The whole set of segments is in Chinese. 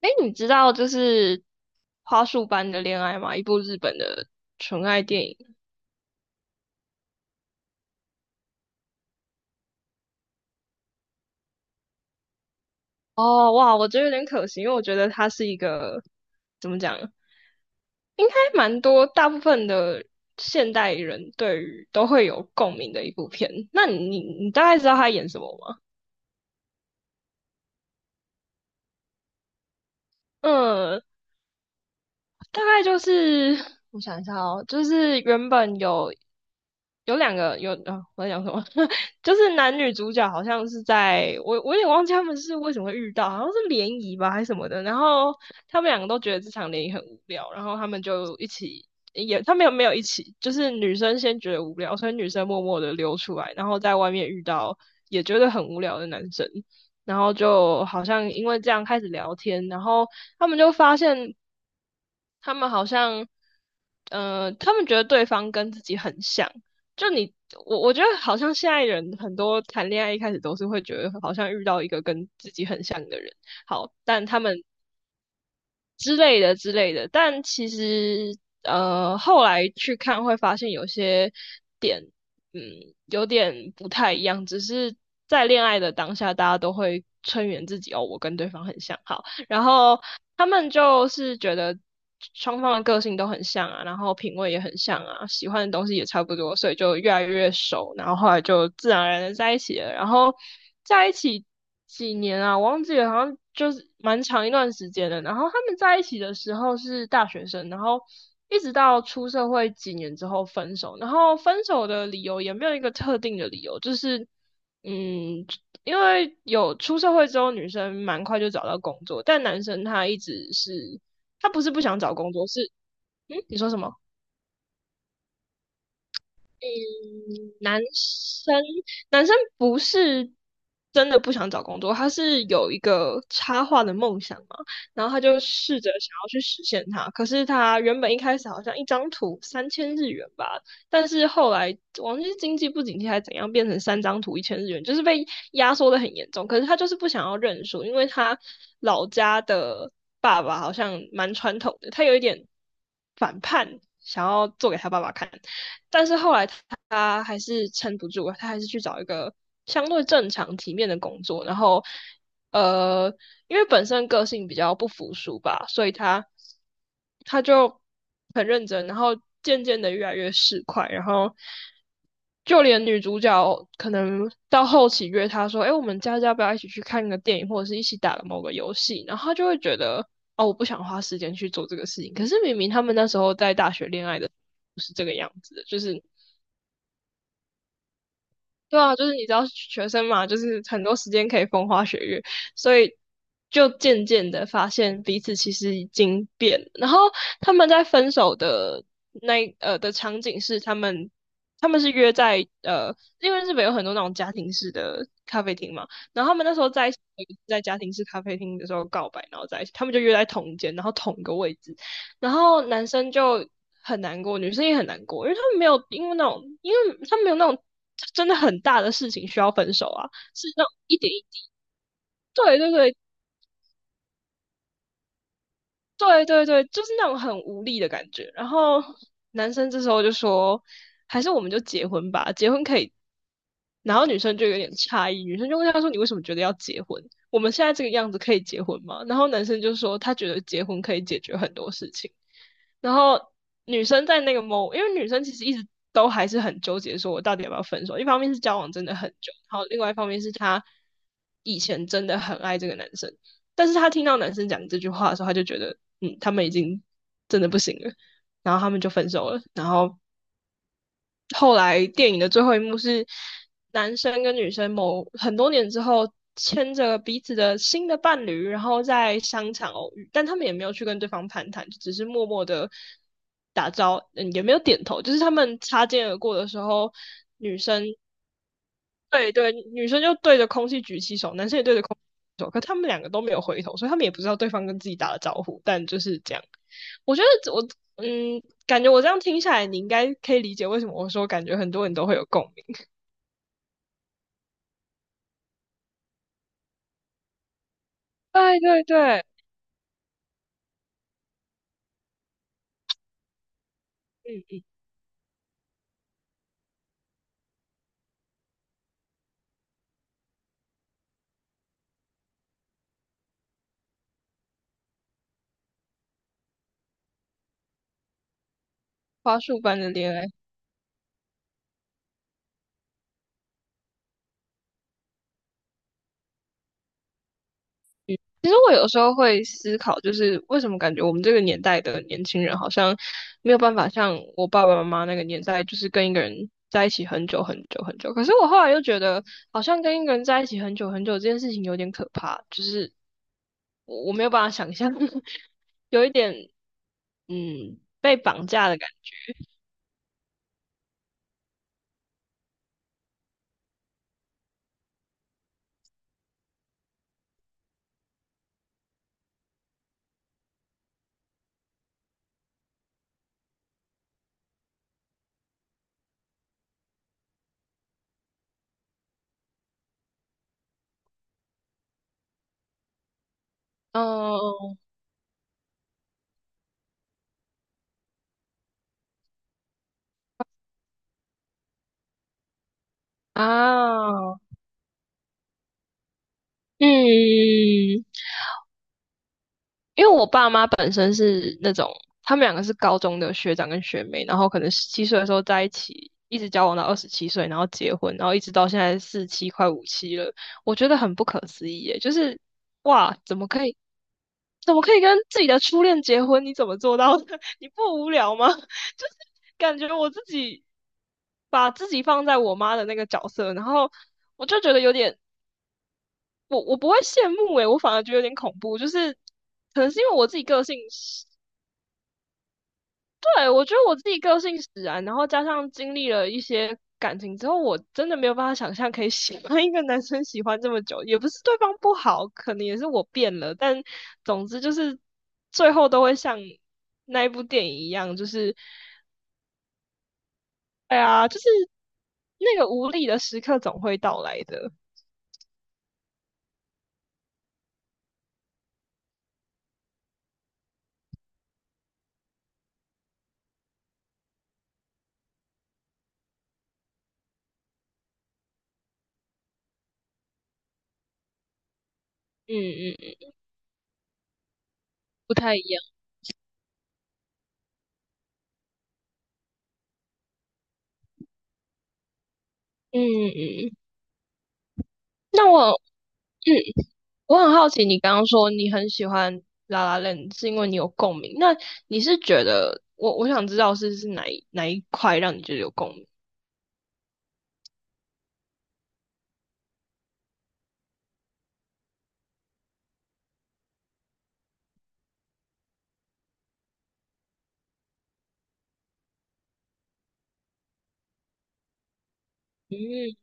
哎，你知道就是花束般的恋爱吗？一部日本的纯爱电影。哦，哇，我觉得有点可惜，因为我觉得它是一个怎么讲，应该蛮多大部分的现代人对于都会有共鸣的一部片。那你大概知道他演什么吗？嗯，大概就是我想一下哦，就是原本有两个有啊，我在讲什么？就是男女主角好像是在我有点忘记他们是为什么会遇到，好像是联谊吧还是什么的。然后他们两个都觉得这场联谊很无聊，然后他们就一起也他们有没有一起，就是女生先觉得无聊，所以女生默默的溜出来，然后在外面遇到也觉得很无聊的男生。然后就好像因为这样开始聊天，然后他们就发现他们好像，他们觉得对方跟自己很像。就你，我觉得好像现在人很多谈恋爱一开始都是会觉得好像遇到一个跟自己很像的人，好，但他们之类的之类的。但其实后来去看会发现有些点，嗯，有点不太一样。只是在恋爱的当下，大家都会催眠自己哦，我跟对方很像，好。然后他们就是觉得双方的个性都很像啊，然后品味也很像啊，喜欢的东西也差不多，所以就越来越熟，然后后来就自然而然的在一起了。然后在一起几年啊，我忘记了，好像就是蛮长一段时间的。然后他们在一起的时候是大学生，然后。一直到出社会几年之后分手，然后分手的理由也没有一个特定的理由，就是嗯，因为有出社会之后，女生蛮快就找到工作，但男生他一直是他不是不想找工作，是嗯，你说什么？嗯，男生不是真的不想找工作，他是有一个插画的梦想嘛，然后他就试着想要去实现它。可是他原本一开始好像一张图3000日元吧，但是后来忘记是经济不景气还是怎样，变成三张图1000日元，就是被压缩的很严重。可是他就是不想要认输，因为他老家的爸爸好像蛮传统的，他有一点反叛，想要做给他爸爸看。但是后来他还是撑不住，他还是去找一个相对正常体面的工作，然后呃，因为本身个性比较不服输吧，所以他就很认真，然后渐渐的越来越市侩，然后就连女主角可能到后期约他说：“哎，我们家要不要一起去看个电影，或者是一起打个某个游戏？”然后他就会觉得：“哦，我不想花时间去做这个事情。”可是明明他们那时候在大学恋爱的不是这个样子的，就是。对啊，就是你知道学生嘛，就是很多时间可以风花雪月，所以就渐渐的发现彼此其实已经变了，然后他们在分手的那的场景是他们是约在因为日本有很多那种家庭式的咖啡厅嘛，然后他们那时候在一起在家庭式咖啡厅的时候告白，然后在一起，他们就约在同一间，然后同一个位置，然后男生就很难过，女生也很难过，因为他们没有因为那种，因为他们没有那种真的很大的事情需要分手啊，是那种一点一滴，对对对，对对对，就是那种很无力的感觉。然后男生这时候就说，还是我们就结婚吧，结婚可以。然后女生就有点诧异，女生就问他说：“你为什么觉得要结婚？我们现在这个样子可以结婚吗？”然后男生就说：“他觉得结婚可以解决很多事情。”然后女生在那个 mo，因为女生其实一直都还是很纠结，说我到底要不要分手。一方面是交往真的很久，然后另外一方面是她以前真的很爱这个男生，但是他听到男生讲这句话的时候，他就觉得，他们已经真的不行了，然后他们就分手了。然后后来电影的最后一幕是男生跟女生某很多年之后牵着彼此的新的伴侣，然后在商场偶遇，但他们也没有去跟对方攀谈，只是默默的打招，也没有点头，就是他们擦肩而过的时候，对对，女生就对着空气举起手，男生也对着空气举手，可他们两个都没有回头，所以他们也不知道对方跟自己打了招呼，但就是这样。我觉得我感觉我这样听下来，你应该可以理解为什么我说感觉很多人都会有共鸣。对对对，嗯，花束般的恋爱。其实我有时候会思考，就是为什么感觉我们这个年代的年轻人好像没有办法像我爸爸妈妈那个年代，就是跟一个人在一起很久很久很久。可是我后来又觉得，好像跟一个人在一起很久很久这件事情有点可怕，就是我没有办法想象，有一点被绑架的感觉。嗯啊，嗯，因为我爸妈本身是那种，他们两个是高中的学长跟学妹，然后可能十七岁的时候在一起，一直交往到27岁，然后结婚，然后一直到现在47快57了，我觉得很不可思议耶，就是哇，怎么可以，怎么可以跟自己的初恋结婚？你怎么做到的？你不无聊吗？就是感觉我自己把自己放在我妈的那个角色，然后我就觉得有点我不会羡慕诶、我反而觉得有点恐怖，就是可能是因为我自己个性使对，我觉得我自己个性使然，然后加上经历了一些感情之后，我真的没有办法想象可以喜欢一个男生喜欢这么久，也不是对方不好，可能也是我变了，但总之就是最后都会像那一部电影一样，就是哎呀，就是那个无力的时刻总会到来的，嗯嗯，不太一样，嗯嗯，那我。嗯我很好奇，你刚刚说你很喜欢《La l 是因为你有共鸣。那你是觉得我想知道是哪一块让你觉得有共鸣？嗯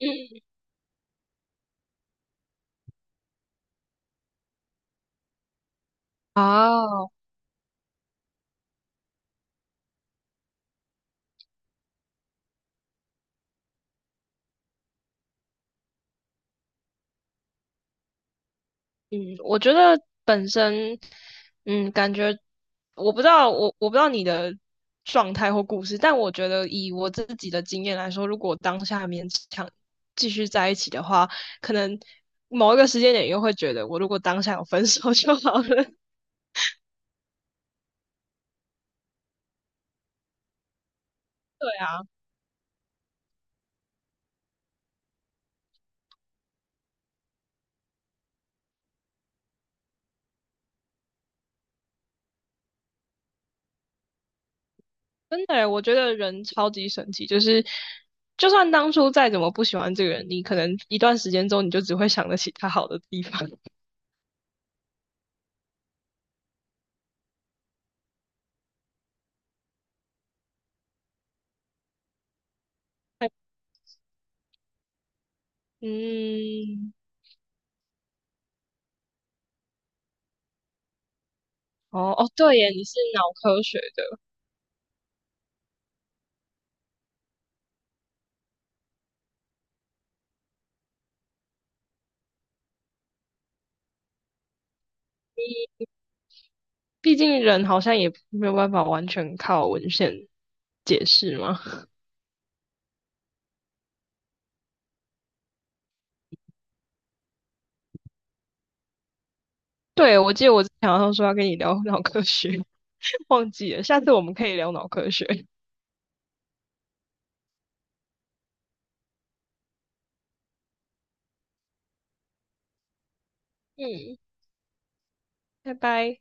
嗯啊嗯，我觉得本身，感觉我不知道我不知道你的状态或故事，但我觉得以我自己的经验来说，如果当下勉强继续在一起的话，可能某一个时间点又会觉得，我如果当下有分手就好了。对啊，真的耶，我觉得人超级神奇，就是就算当初再怎么不喜欢这个人，你可能一段时间之后，你就只会想得起他好的地方。嗯，哦哦，对耶，你是脑科学的，毕竟人好像也没有办法完全靠文献解释嘛。对，我记得我之前好像说要跟你聊 脑科学，忘记了，下次我们可以聊脑科学。嗯，拜拜。